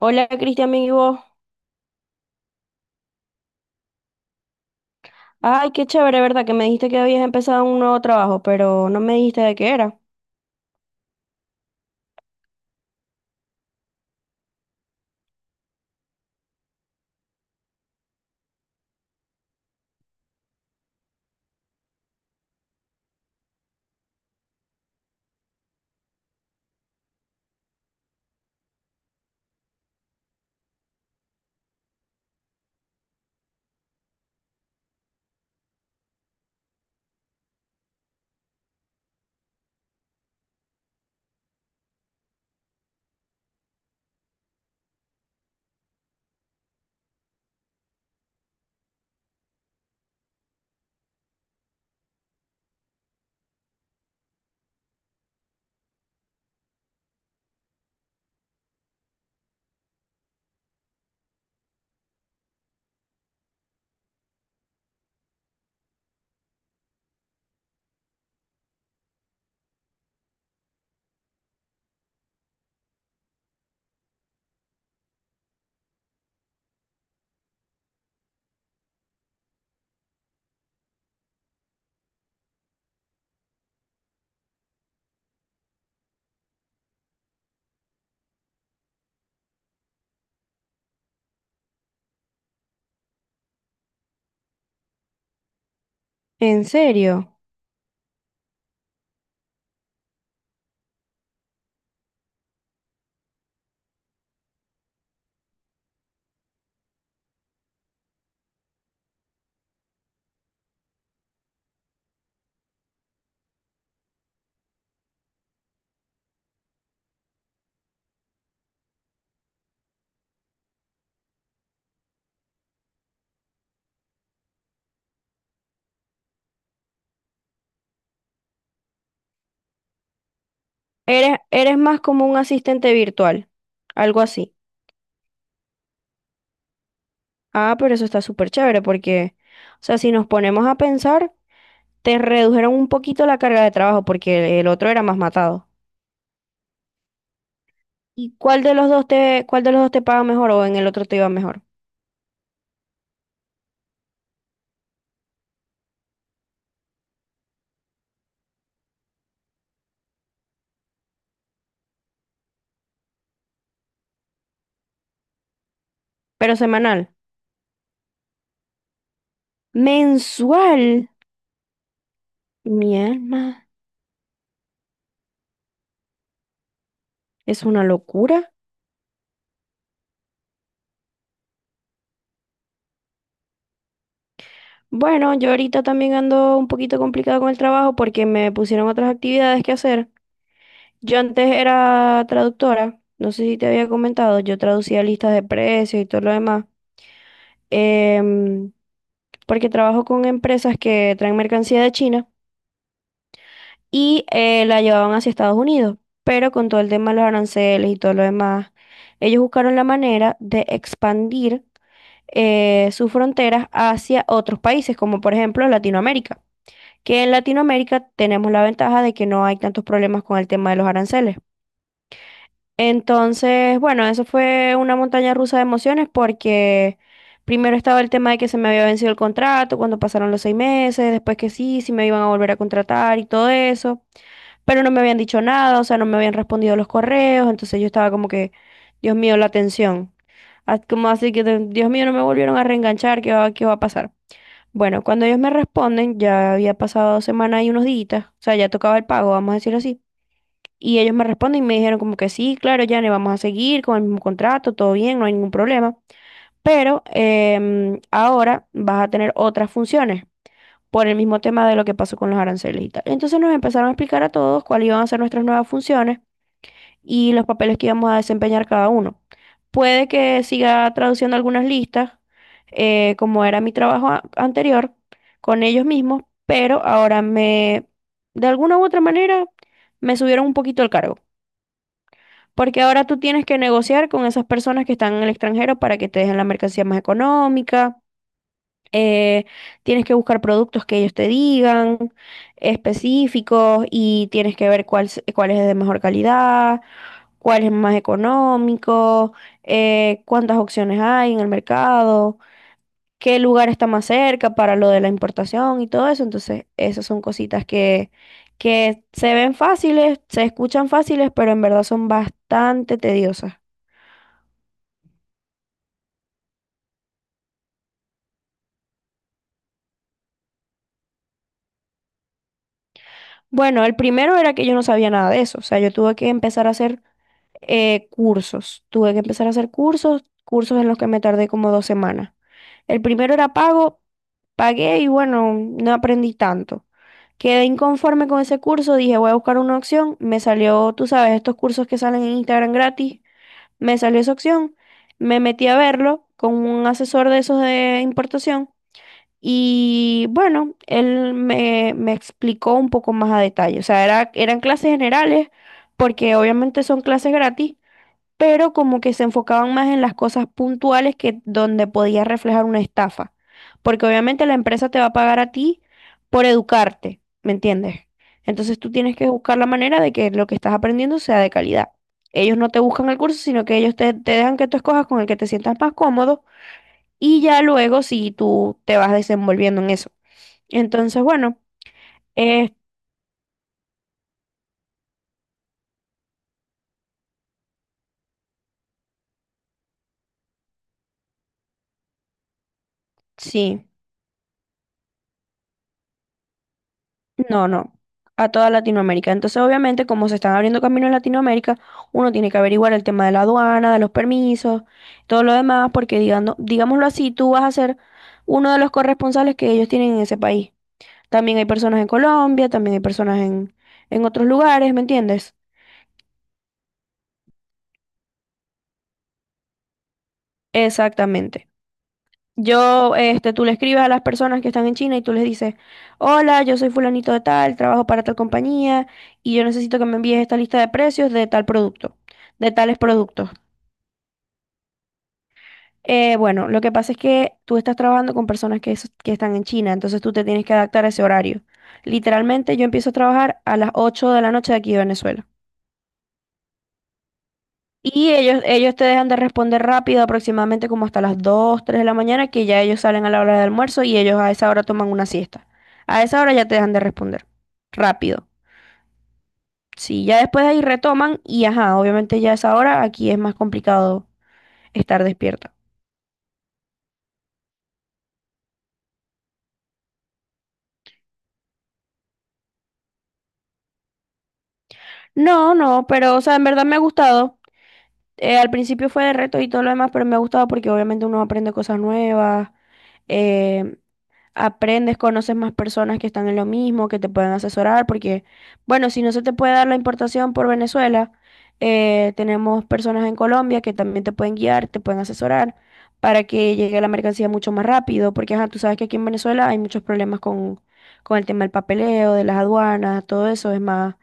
Hola Cristian, ¿y vos? Ay, qué chévere, ¿verdad? Que me dijiste que habías empezado un nuevo trabajo, pero no me dijiste de qué era. ¿En serio? Eres más como un asistente virtual, algo así. Ah, pero eso está súper chévere porque, o sea, si nos ponemos a pensar, te redujeron un poquito la carga de trabajo porque el otro era más matado. ¿Y cuál de los dos te, cuál de los dos te paga mejor o en el otro te iba mejor? Pero semanal. Mensual. Mi alma. Es una locura. Bueno, yo ahorita también ando un poquito complicado con el trabajo porque me pusieron otras actividades que hacer. Yo antes era traductora, no sé si te había comentado, yo traducía listas de precios y todo lo demás, em, porque trabajo con empresas que traen mercancía de China y la llevaban hacia Estados Unidos, pero con todo el tema de los aranceles y todo lo demás, ellos buscaron la manera de expandir sus fronteras hacia otros países, como por ejemplo Latinoamérica. Que en Latinoamérica tenemos la ventaja de que no hay tantos problemas con el tema de los aranceles. Entonces, bueno, eso fue una montaña rusa de emociones porque primero estaba el tema de que se me había vencido el contrato cuando pasaron los 6 meses, después que sí, sí me iban a volver a contratar y todo eso, pero no me habían dicho nada, o sea, no me habían respondido los correos, entonces yo estaba como que, Dios mío, la tensión. Ah, como así que, Dios mío, no me volvieron a reenganchar, ¿qué va a pasar? Bueno, cuando ellos me responden, ya había pasado 2 semanas y unos días, o sea, ya tocaba el pago, vamos a decirlo así. Y ellos me responden y me dijeron como que sí, claro, ya le vamos a seguir con el mismo contrato, todo bien, no hay ningún problema. Pero ahora vas a tener otras funciones por el mismo tema de lo que pasó con los aranceles y tal. Entonces nos empezaron a explicar a todos cuáles iban a ser nuestras nuevas funciones y los papeles que íbamos a desempeñar cada uno. Puede que siga traduciendo algunas listas, como era mi trabajo anterior, con ellos mismos, pero ahora, de alguna u otra manera, me subieron un poquito el cargo. Porque ahora tú tienes que negociar con esas personas que están en el extranjero para que te dejen la mercancía más económica. eh, Tienes que buscar productos que ellos te digan específicos y tienes que ver cuál es de mejor calidad, cuál es más económico, cuántas opciones hay en el mercado, qué lugar está más cerca para lo de la importación y todo eso. Entonces, esas son cositas que se ven fáciles, se escuchan fáciles, pero en verdad son bastante tediosas. Bueno, el primero era que yo no sabía nada de eso, o sea, yo tuve que empezar a hacer cursos, cursos en los que me tardé como 2 semanas. El primero era pago, pagué y bueno, no aprendí tanto. Quedé inconforme con ese curso, dije voy a buscar una opción, me salió, tú sabes, estos cursos que salen en Instagram gratis, me salió esa opción, me metí a verlo con un asesor de esos de importación y bueno, él me explicó un poco más a detalle, o sea, eran clases generales porque obviamente son clases gratis, pero como que se enfocaban más en las cosas puntuales que donde podía reflejar una estafa. Porque obviamente la empresa te va a pagar a ti por educarte, ¿me entiendes? Entonces tú tienes que buscar la manera de que lo que estás aprendiendo sea de calidad. Ellos no te buscan el curso, sino que ellos te dejan que tú escojas con el que te sientas más cómodo y ya luego si tú te vas desenvolviendo en eso. Entonces, bueno, eh, sí. No, no, a toda Latinoamérica. Entonces, obviamente, como se están abriendo caminos en Latinoamérica, uno tiene que averiguar el tema de la aduana, de los permisos, todo lo demás, porque digámoslo así, tú vas a ser uno de los corresponsales que ellos tienen en ese país. También hay personas en Colombia, también hay personas en otros lugares, ¿me entiendes? Exactamente. Tú le escribes a las personas que están en China y tú les dices, hola, yo soy fulanito de tal, trabajo para tal compañía y yo necesito que me envíes esta lista de precios de tal producto, de tales productos. Bueno, lo que pasa es que tú estás trabajando con personas que están en China, entonces tú te tienes que adaptar a ese horario. Literalmente yo empiezo a trabajar a las 8 de la noche de aquí de Venezuela. Y ellos te dejan de responder rápido, aproximadamente como hasta las 2 3 de la mañana, que ya ellos salen a la hora del almuerzo y ellos a esa hora toman una siesta. A esa hora ya te dejan de responder rápido. Sí, ya después de ahí retoman y ajá, obviamente ya a esa hora aquí es más complicado estar despierta. No, no, pero o sea, en verdad me ha gustado. Al principio fue de reto y todo lo demás, pero me ha gustado porque obviamente uno aprende cosas nuevas. eh, Aprendes, conoces más personas que están en lo mismo, que te pueden asesorar, porque, bueno, si no se te puede dar la importación por Venezuela, tenemos personas en Colombia que también te pueden guiar, te pueden asesorar para que llegue la mercancía mucho más rápido, porque ajá, tú sabes que aquí en Venezuela hay muchos problemas con el tema del papeleo, de las aduanas, todo eso es más.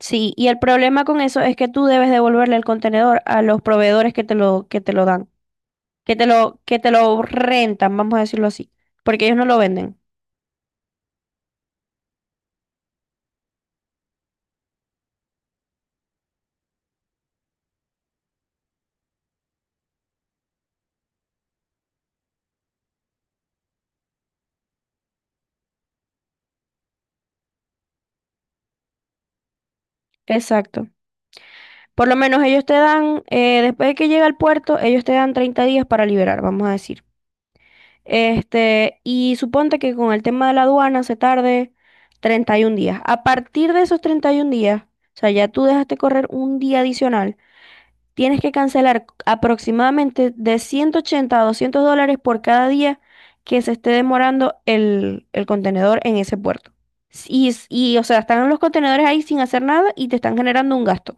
Sí, y el problema con eso es que tú debes devolverle el contenedor a los proveedores que que te lo dan, que que te lo rentan, vamos a decirlo así, porque ellos no lo venden. Exacto. Por lo menos ellos te dan, después de que llega al puerto, ellos te dan 30 días para liberar, vamos a decir. Y suponte que con el tema de la aduana se tarde 31 días. A partir de esos 31 días, o sea, ya tú dejaste correr un día adicional. Tienes que cancelar aproximadamente de 180 a $200 por cada día que se esté demorando el contenedor en ese puerto. Y, o sea, están los contenedores ahí sin hacer nada y te están generando un gasto.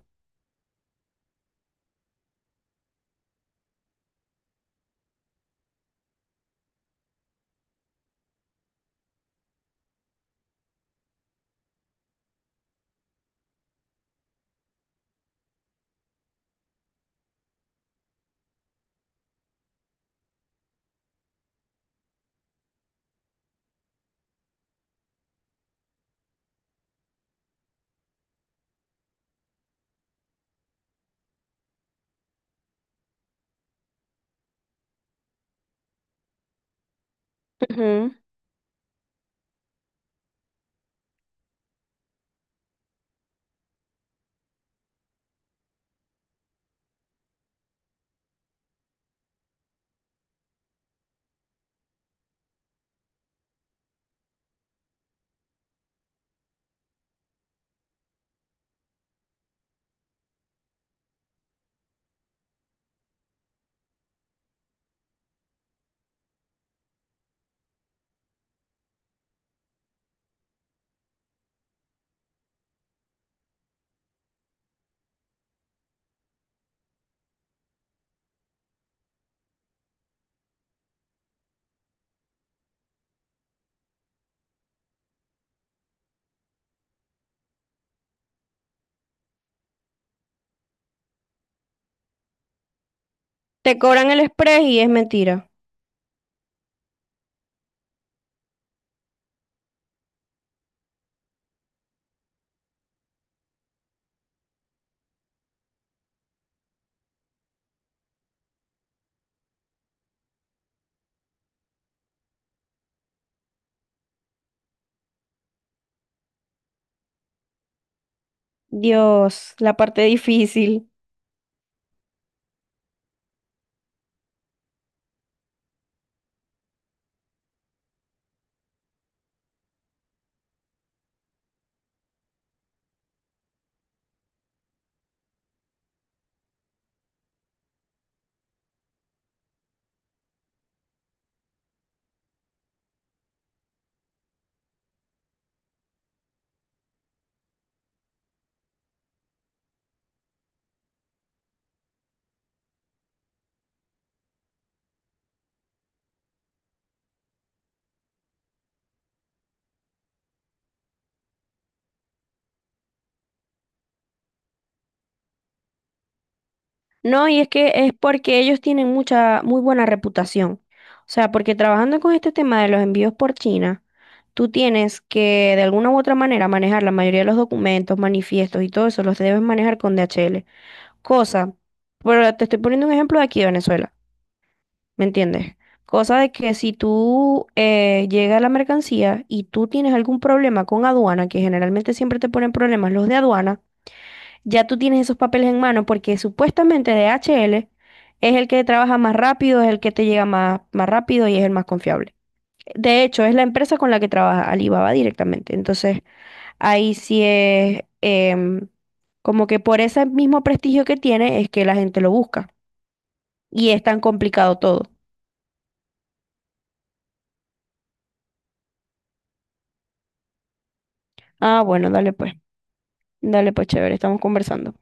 Ujú. Te cobran el express y es mentira. Dios, la parte difícil. No, y es que es porque ellos tienen mucha, muy buena reputación. O sea, porque trabajando con este tema de los envíos por China, tú tienes que de alguna u otra manera manejar la mayoría de los documentos, manifiestos y todo eso, los debes manejar con DHL. Cosa, pero te estoy poniendo un ejemplo de aquí de Venezuela, ¿me entiendes? Cosa de que si tú llega la mercancía y tú tienes algún problema con aduana, que generalmente siempre te ponen problemas los de aduana, ya tú tienes esos papeles en mano porque supuestamente DHL es el que trabaja más rápido, es el que te llega más rápido y es el más confiable. De hecho, es la empresa con la que trabaja Alibaba directamente. Entonces, ahí sí es como que por ese mismo prestigio que tiene es que la gente lo busca. Y es tan complicado todo. Ah, bueno, dale pues. Dale pues, chévere, estamos conversando.